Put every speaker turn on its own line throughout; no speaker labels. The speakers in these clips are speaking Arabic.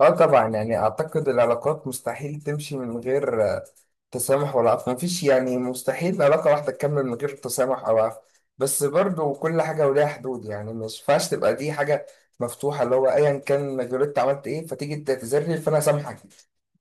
اه، طبعا يعني اعتقد العلاقات مستحيل تمشي من غير تسامح ولا عفو. مفيش يعني مستحيل علاقة واحدة تكمل من غير تسامح او عفو. بس برضو كل حاجة وليها حدود، يعني مش ينفعش تبقى دي حاجة مفتوحة اللي هو ايا كان غلطت عملت ايه فتيجي تعتذرلي فانا سامحك.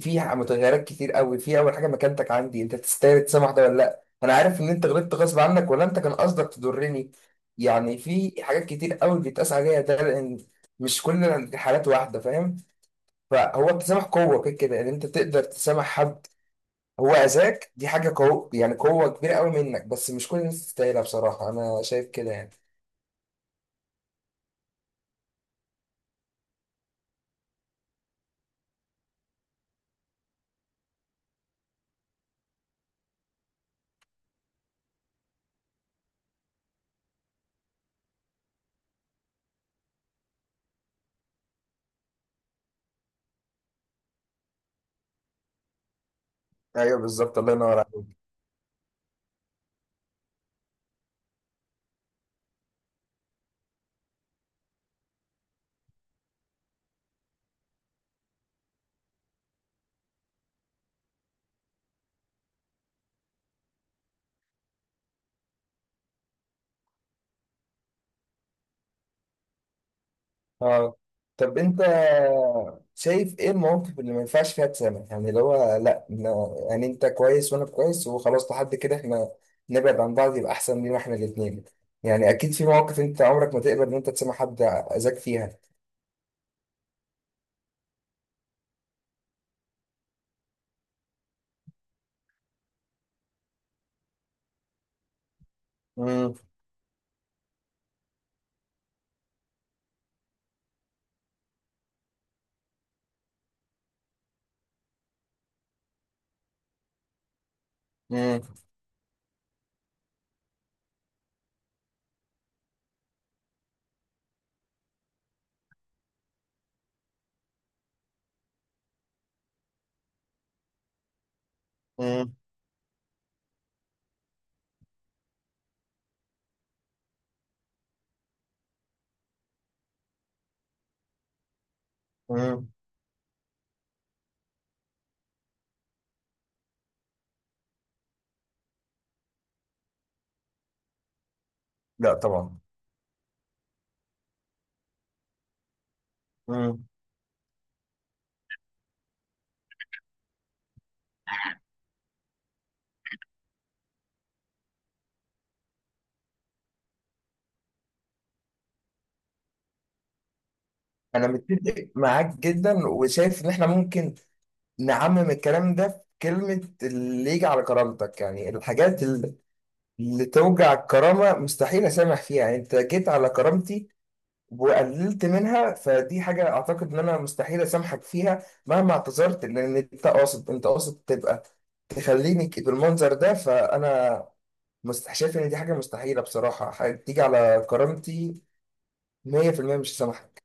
فيها متغيرات كتير قوي. في اول حاجة، مكانتك عندي انت تستاهل تسامح ده ولا لا، انا عارف ان انت غلطت غصب عنك ولا انت كان قصدك تضرني. يعني في حاجات كتير قوي بيتقاس عليها، ده لان مش كل الحالات واحدة، فاهم؟ فهو التسامح قوة، كده كده ان انت تقدر تسامح حد، هو اذاك دي حاجة قوة، يعني قوة كبيرة قوي منك، بس مش كل الناس تستاهلها. بصراحة انا شايف كده يعني. ايوه، بالظبط، الله ينور عليك. اه، طب انت شايف ايه المواقف اللي ما ينفعش فيها تسامح؟ يعني اللي هو لا، يعني انت كويس وانا كويس وخلاص، لحد كده احنا نبعد عن بعض يبقى احسن لينا احنا الاتنين. يعني اكيد في مواقف انت عمرك ما تقبل ان انت تسامح حد اذاك فيها. امم. امم. امم. لا طبعا. مم. انا متفق معاك جدا، وشايف ان احنا ممكن نعمم الكلام ده في كلمة اللي يجي على كرامتك. يعني الحاجات اللي توجع الكرامة مستحيل اسامح فيها. يعني انت جيت على كرامتي وقللت منها، فدي حاجة اعتقد ان انا مستحيل اسامحك فيها مهما اعتذرت، لان انت قاصد، انت قاصد تبقى تخليني بالمنظر ده. فانا شايف ان دي حاجة مستحيلة بصراحة. حاجة تيجي على كرامتي 100% مش هسامحك.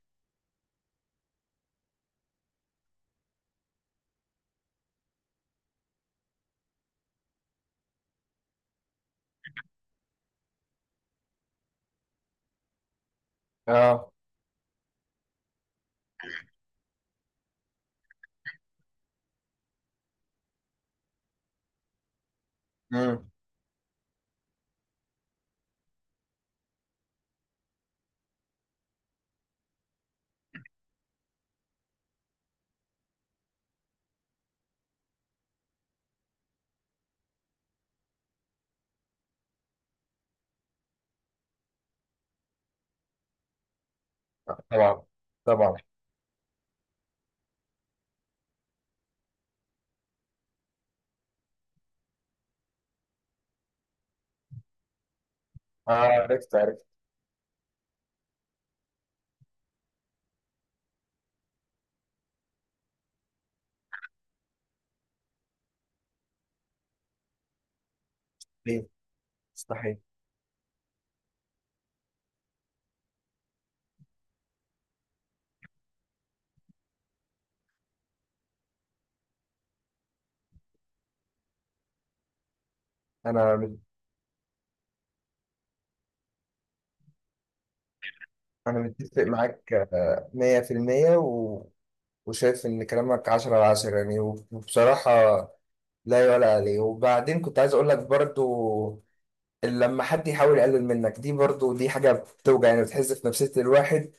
اه. امم. طبعا. طبعا. اه، عرفت عرفت. ليه؟ مستحيل. انا مت- انا متفق معاك 100% و... وشايف ان كلامك 10 على 10، يعني وبصراحة لا يعلى عليه. وبعدين كنت عايز اقول لك برضو، لما حد يحاول يقلل منك دي برضو دي حاجة بتوجع، يعني بتحز في نفسية الواحد،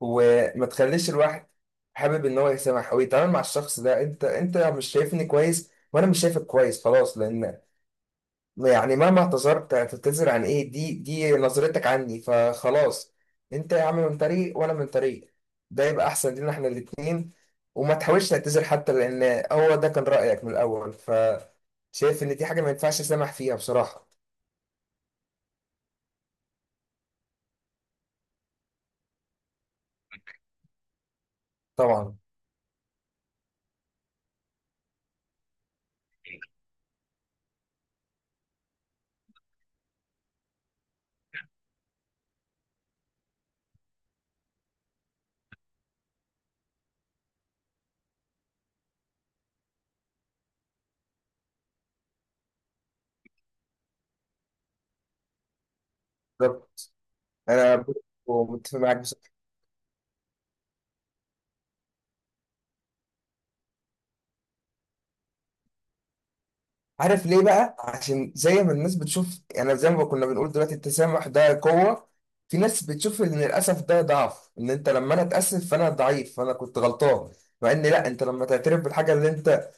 وما تخليش الواحد حابب ان هو يسامح او يتعامل مع الشخص ده. انت مش شايفني كويس، وانا مش شايفك كويس، خلاص. لان يعني مهما اعتذرت هتعتذر عن ايه، دي نظرتك عني، فخلاص. انت يا عم من طريق وانا من طريق، ده يبقى احسن لينا احنا الاتنين. وما تحاولش تعتذر حتى، لان هو ده كان رأيك من الاول، ف شايف ان دي حاجة ما ينفعش اسامح فيها بصراحة. طبعا. بالظبط. انا متفق معاك. عارف ليه بقى؟ عشان زي ما الناس بتشوف، يعني زي ما كنا بنقول دلوقتي، التسامح ده قوة. في ناس بتشوف ان للاسف ده ضعف، ان انت لما انا اتأسف فانا ضعيف، فانا كنت غلطان. مع ان لا، انت لما تعترف بالحاجة اللي انت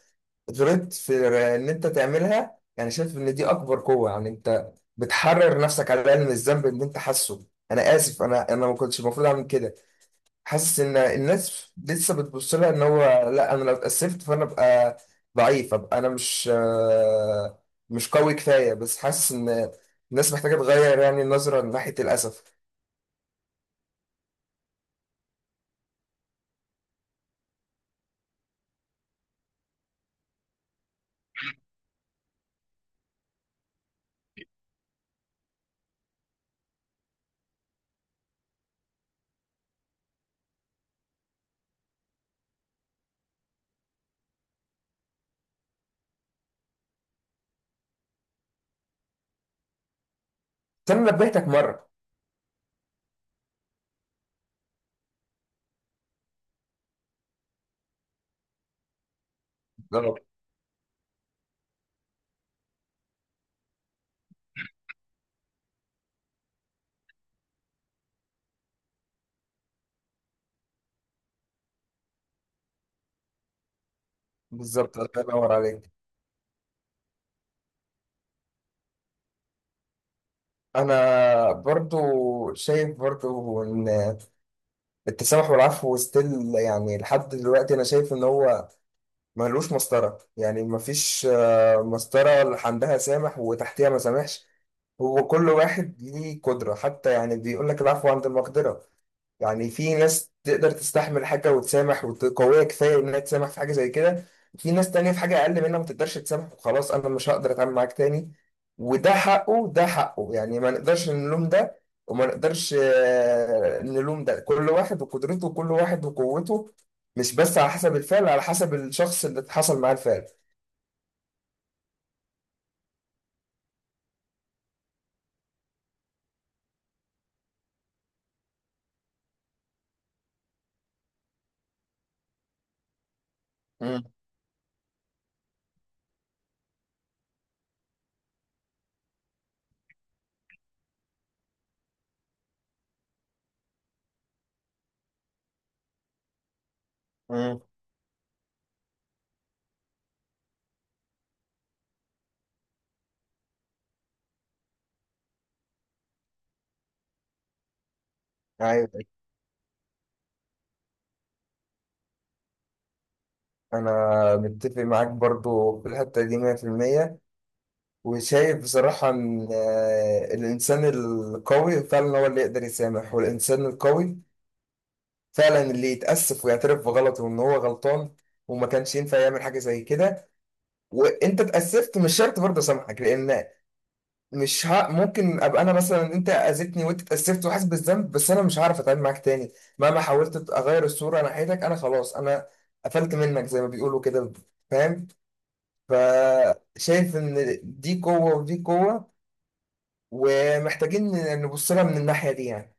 غلطت في ان انت تعملها، يعني شايف ان دي اكبر قوة. يعني انت بتحرر نفسك على الاقل من الذنب اللي انت حاسه. انا اسف، انا ما كنتش المفروض اعمل كده. حاسس ان الناس لسه بتبص لها ان هو لا، انا لو اتأسفت فانا ابقى ضعيف، ابقى انا مش قوي كفايه. بس حاسس ان الناس محتاجه تغير يعني النظره ناحيه الاسف. بس انا نبهتك مره. بالظبط. بالظبط، الله ينور عليك. انا برضو شايف برضو ان التسامح والعفو ستيل، يعني لحد دلوقتي انا شايف ان هو ملوش مسطره، يعني مفيش مسطره اللي عندها سامح وتحتها ما سامحش. هو كل واحد ليه قدرة، حتى يعني بيقول لك العفو عند المقدرة. يعني في ناس تقدر تستحمل حاجة وتسامح وقوية كفاية إنها تسامح في حاجة زي كده، في ناس تانية في حاجة أقل منها ما تقدرش تسامح وخلاص، أنا مش هقدر أتعامل معاك تاني. وده حقه، ده حقه، يعني ما نقدرش نلوم ده، وما نقدرش نلوم ده. كل واحد وقدرته، وكل واحد وقوته، مش بس على حسب الفعل، على حسب الشخص اللي حصل معاه الفعل. امم. امم. ايوه، انا متفق معاك برضو في الحته دي 100%، وشايف بصراحه ان الانسان القوي فعلا هو اللي يقدر يسامح، والانسان القوي فعلا اللي يتاسف ويعترف بغلطه وان هو غلطان، وما كانش ينفع يعمل حاجه زي كده. وانت اتاسفت مش شرط برضه اسامحك، لان مش ممكن ابقى انا مثلا، انت اذيتني وانت اتاسفت وحاسس بالذنب، بس انا مش هعرف اتعامل معاك تاني. مهما حاولت اغير الصوره ناحيتك، انا خلاص انا قفلت منك زي ما بيقولوا كده، فاهم؟ فشايف ان دي قوة ودي قوة، ومحتاجين نبص لها من الناحية دي يعني.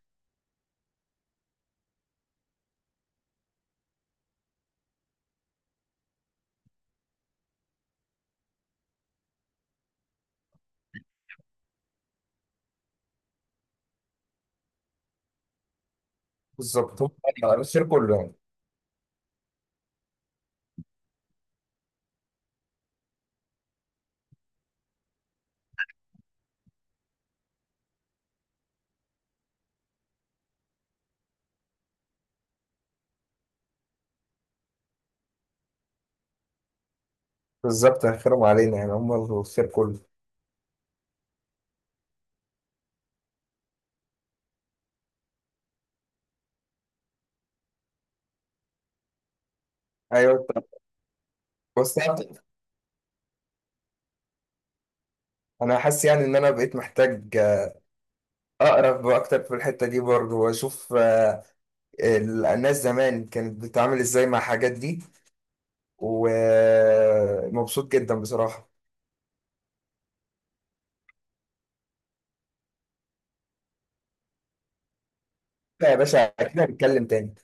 بالظبط، هم الخير كله يعني. بالظبط، هيخيرهم علينا، يعني هم الخير كله. ايوه، طب. بس انا حاسس يعني ان انا بقيت محتاج اقرب اكتر في الحتة دي برضه، واشوف الناس زمان كانت بتتعامل ازاي مع الحاجات دي. ومبسوط جدا بصراحة. لا يا باشا، اكيد هنتكلم تاني.